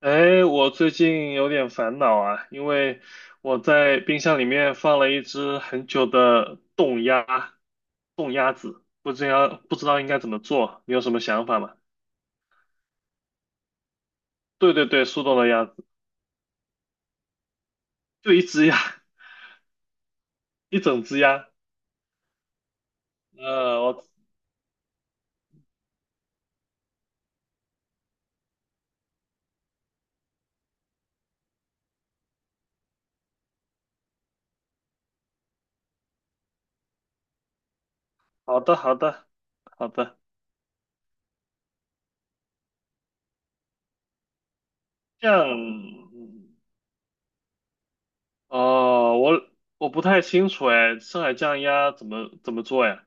哎，我最近有点烦恼啊，因为我在冰箱里面放了一只很久的冻鸭，冻鸭子，不知道应该怎么做，你有什么想法吗？对对对，速冻的鸭子，就一只鸭，一整只鸭。我好的好的好的，这样，哦，我不太清楚哎，上海酱鸭怎么做呀？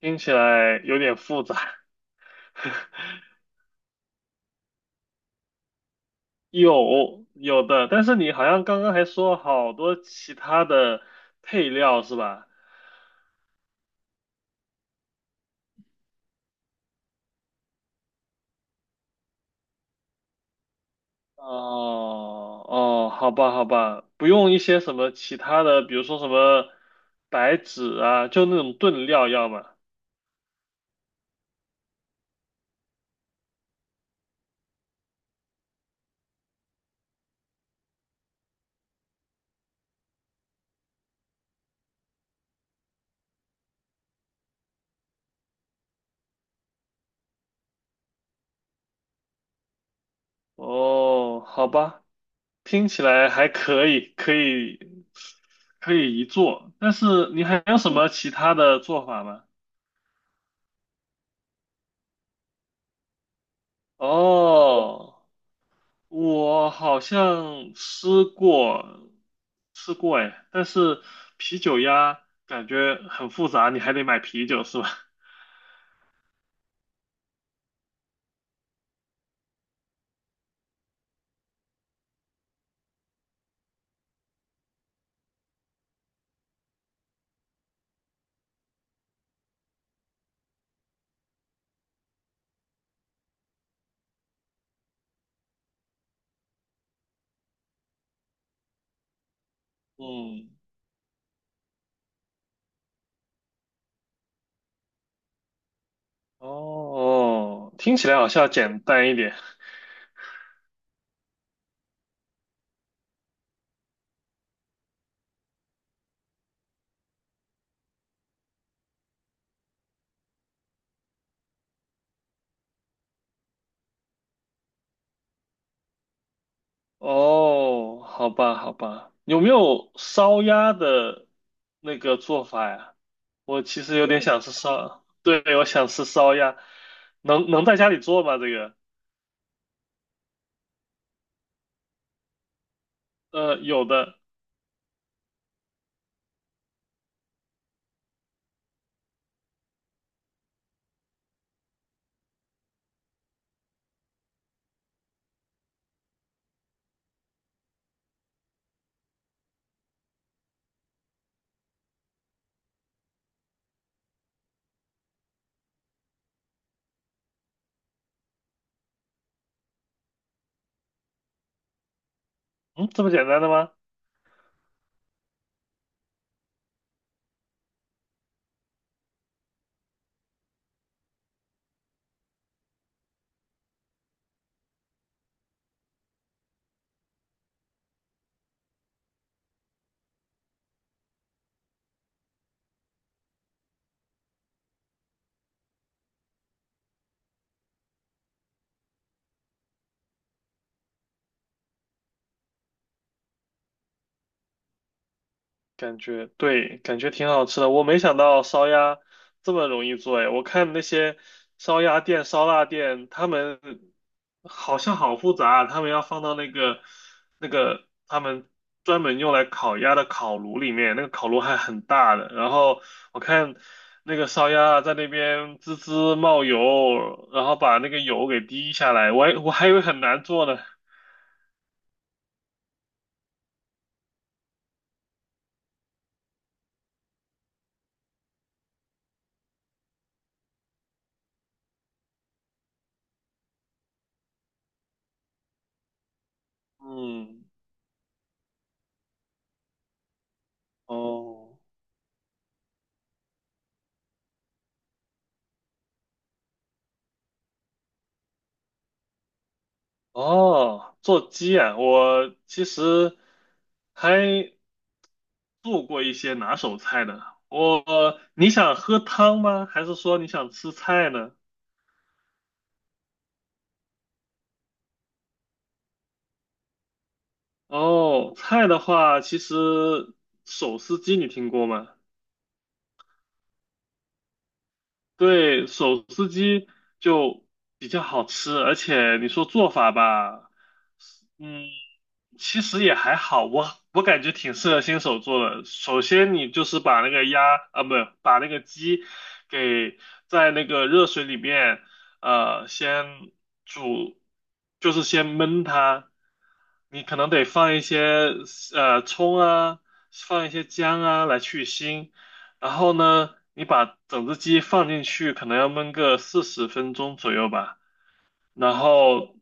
听起来有点复杂。有的，但是你好像刚刚还说好多其他的配料是吧？哦哦，好吧好吧，不用一些什么其他的，比如说什么白芷啊，就那种炖料要吗？哦，好吧，听起来还可以，可以一做，但是你还有什么其他的做法吗？哦。我好像吃过，吃过哎，但是啤酒鸭感觉很复杂，你还得买啤酒是吧？嗯，哦，听起来好像要简单一点。哦，好吧，好吧，有没有烧鸭的那个做法呀？我其实有点想吃烧，对，我想吃烧鸭，能在家里做吗？这个，有的，嗯，这么简单的吗？感觉对，感觉挺好吃的。我没想到烧鸭这么容易做哎，我看那些烧鸭店、烧腊店，他们好像好复杂啊，他们要放到那个那个他们专门用来烤鸭的烤炉里面，那个烤炉还很大的。然后我看那个烧鸭在那边滋滋冒油，然后把那个油给滴下来，我还以为很难做呢。嗯，哦。哦，做鸡啊，我其实还做过一些拿手菜的。我，你想喝汤吗？还是说你想吃菜呢？哦，菜的话，其实手撕鸡你听过吗？对，手撕鸡就比较好吃，而且你说做法吧，嗯，其实也还好，我感觉挺适合新手做的。首先，你就是把那个鸭啊，不，把那个鸡给在那个热水里面，先煮，就是先焖它。你可能得放一些葱啊，放一些姜啊来去腥。然后呢，你把整只鸡放进去，可能要焖个40分钟左右吧。然后，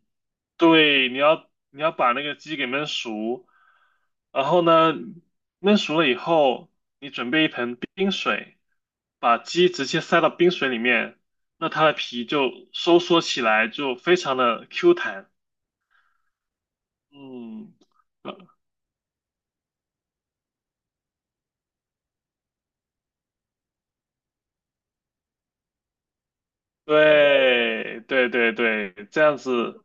对，你要把那个鸡给焖熟。然后呢，焖熟了以后，冰水，把鸡直接塞到冰水里面，那它的皮就收缩起来，就非常的 Q 弹。嗯，对对对对，这样子，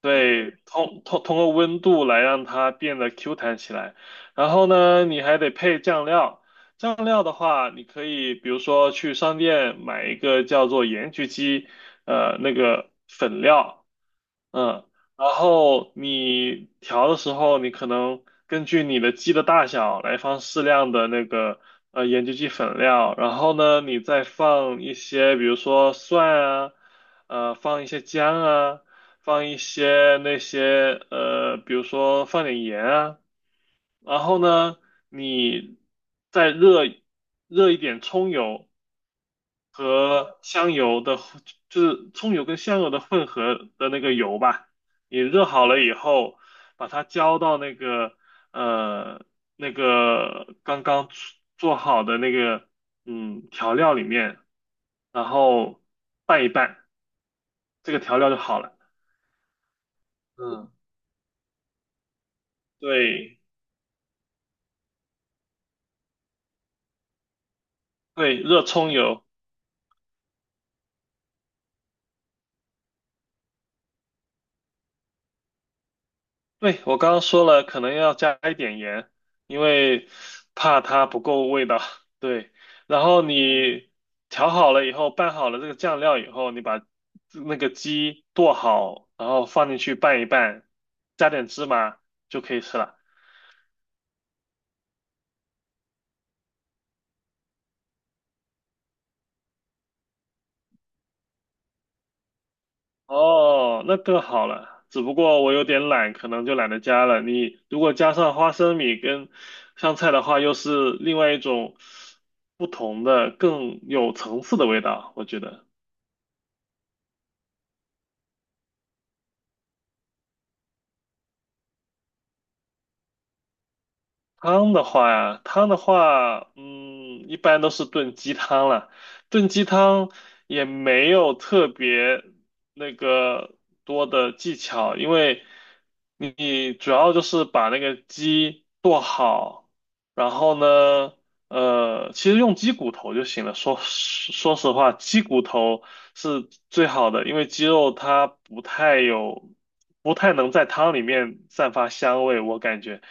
对，通过温度来让它变得 Q 弹起来。然后呢，你还得配酱料。酱料的话，你可以比如说去商店买一个叫做盐焗鸡，那个粉料，嗯，然后你调的时候，你可能根据你的鸡的大小来放适量的那个盐焗鸡粉料，然后呢，你再放一些，比如说蒜啊，放一些姜啊，放一些那些比如说放点盐啊，然后呢，你再热一点葱油，和香油的就是葱油跟香油的混合的那个油吧。你热好了以后，把它浇到那个呃那个刚刚做好的那个嗯调料里面，然后拌一拌，这个调料就好了。嗯，对对，热葱油。对，我刚刚说了，可能要加一点盐，因为怕它不够味道。对，然后你调好了以后，拌好了这个酱料以后，你把那个鸡剁好，然后放进去拌一拌，加点芝麻就可以吃了。哦，那更好了。只不过我有点懒，可能就懒得加了。你如果加上花生米跟香菜的话，又是另外一种不同的、更有层次的味道，我觉得。汤的话呀，汤的话，嗯，一般都是炖鸡汤了。炖鸡汤也没有特别那个多的技巧，因为你主要就是把那个鸡剁好，然后呢，其实用鸡骨头就行了。说实话，鸡骨头是最好的，因为鸡肉它不太有，不太能在汤里面散发香味，我感觉。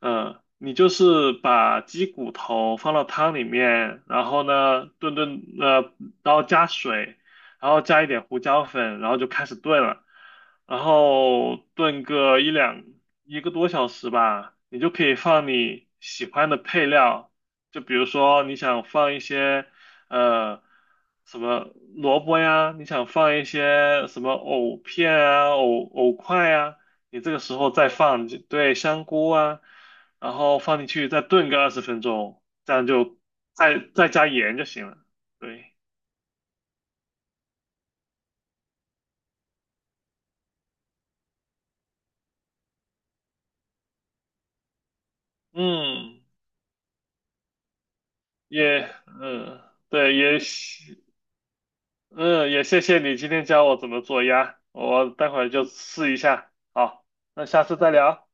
嗯，你就是把鸡骨头放到汤里面，然后呢炖，然后加水，然后加一点胡椒粉，然后就开始炖了，然后炖个一个多小时吧，你就可以放你喜欢的配料，就比如说你想放一些呃什么萝卜呀，你想放一些什么藕片啊、藕块啊，你这个时候再放，对，香菇啊。然后放进去再炖个20分钟，这样就再加盐就行了。对，嗯，也嗯，对，也谢嗯也谢谢你今天教我怎么做鸭，我待会儿就试一下。好，那下次再聊。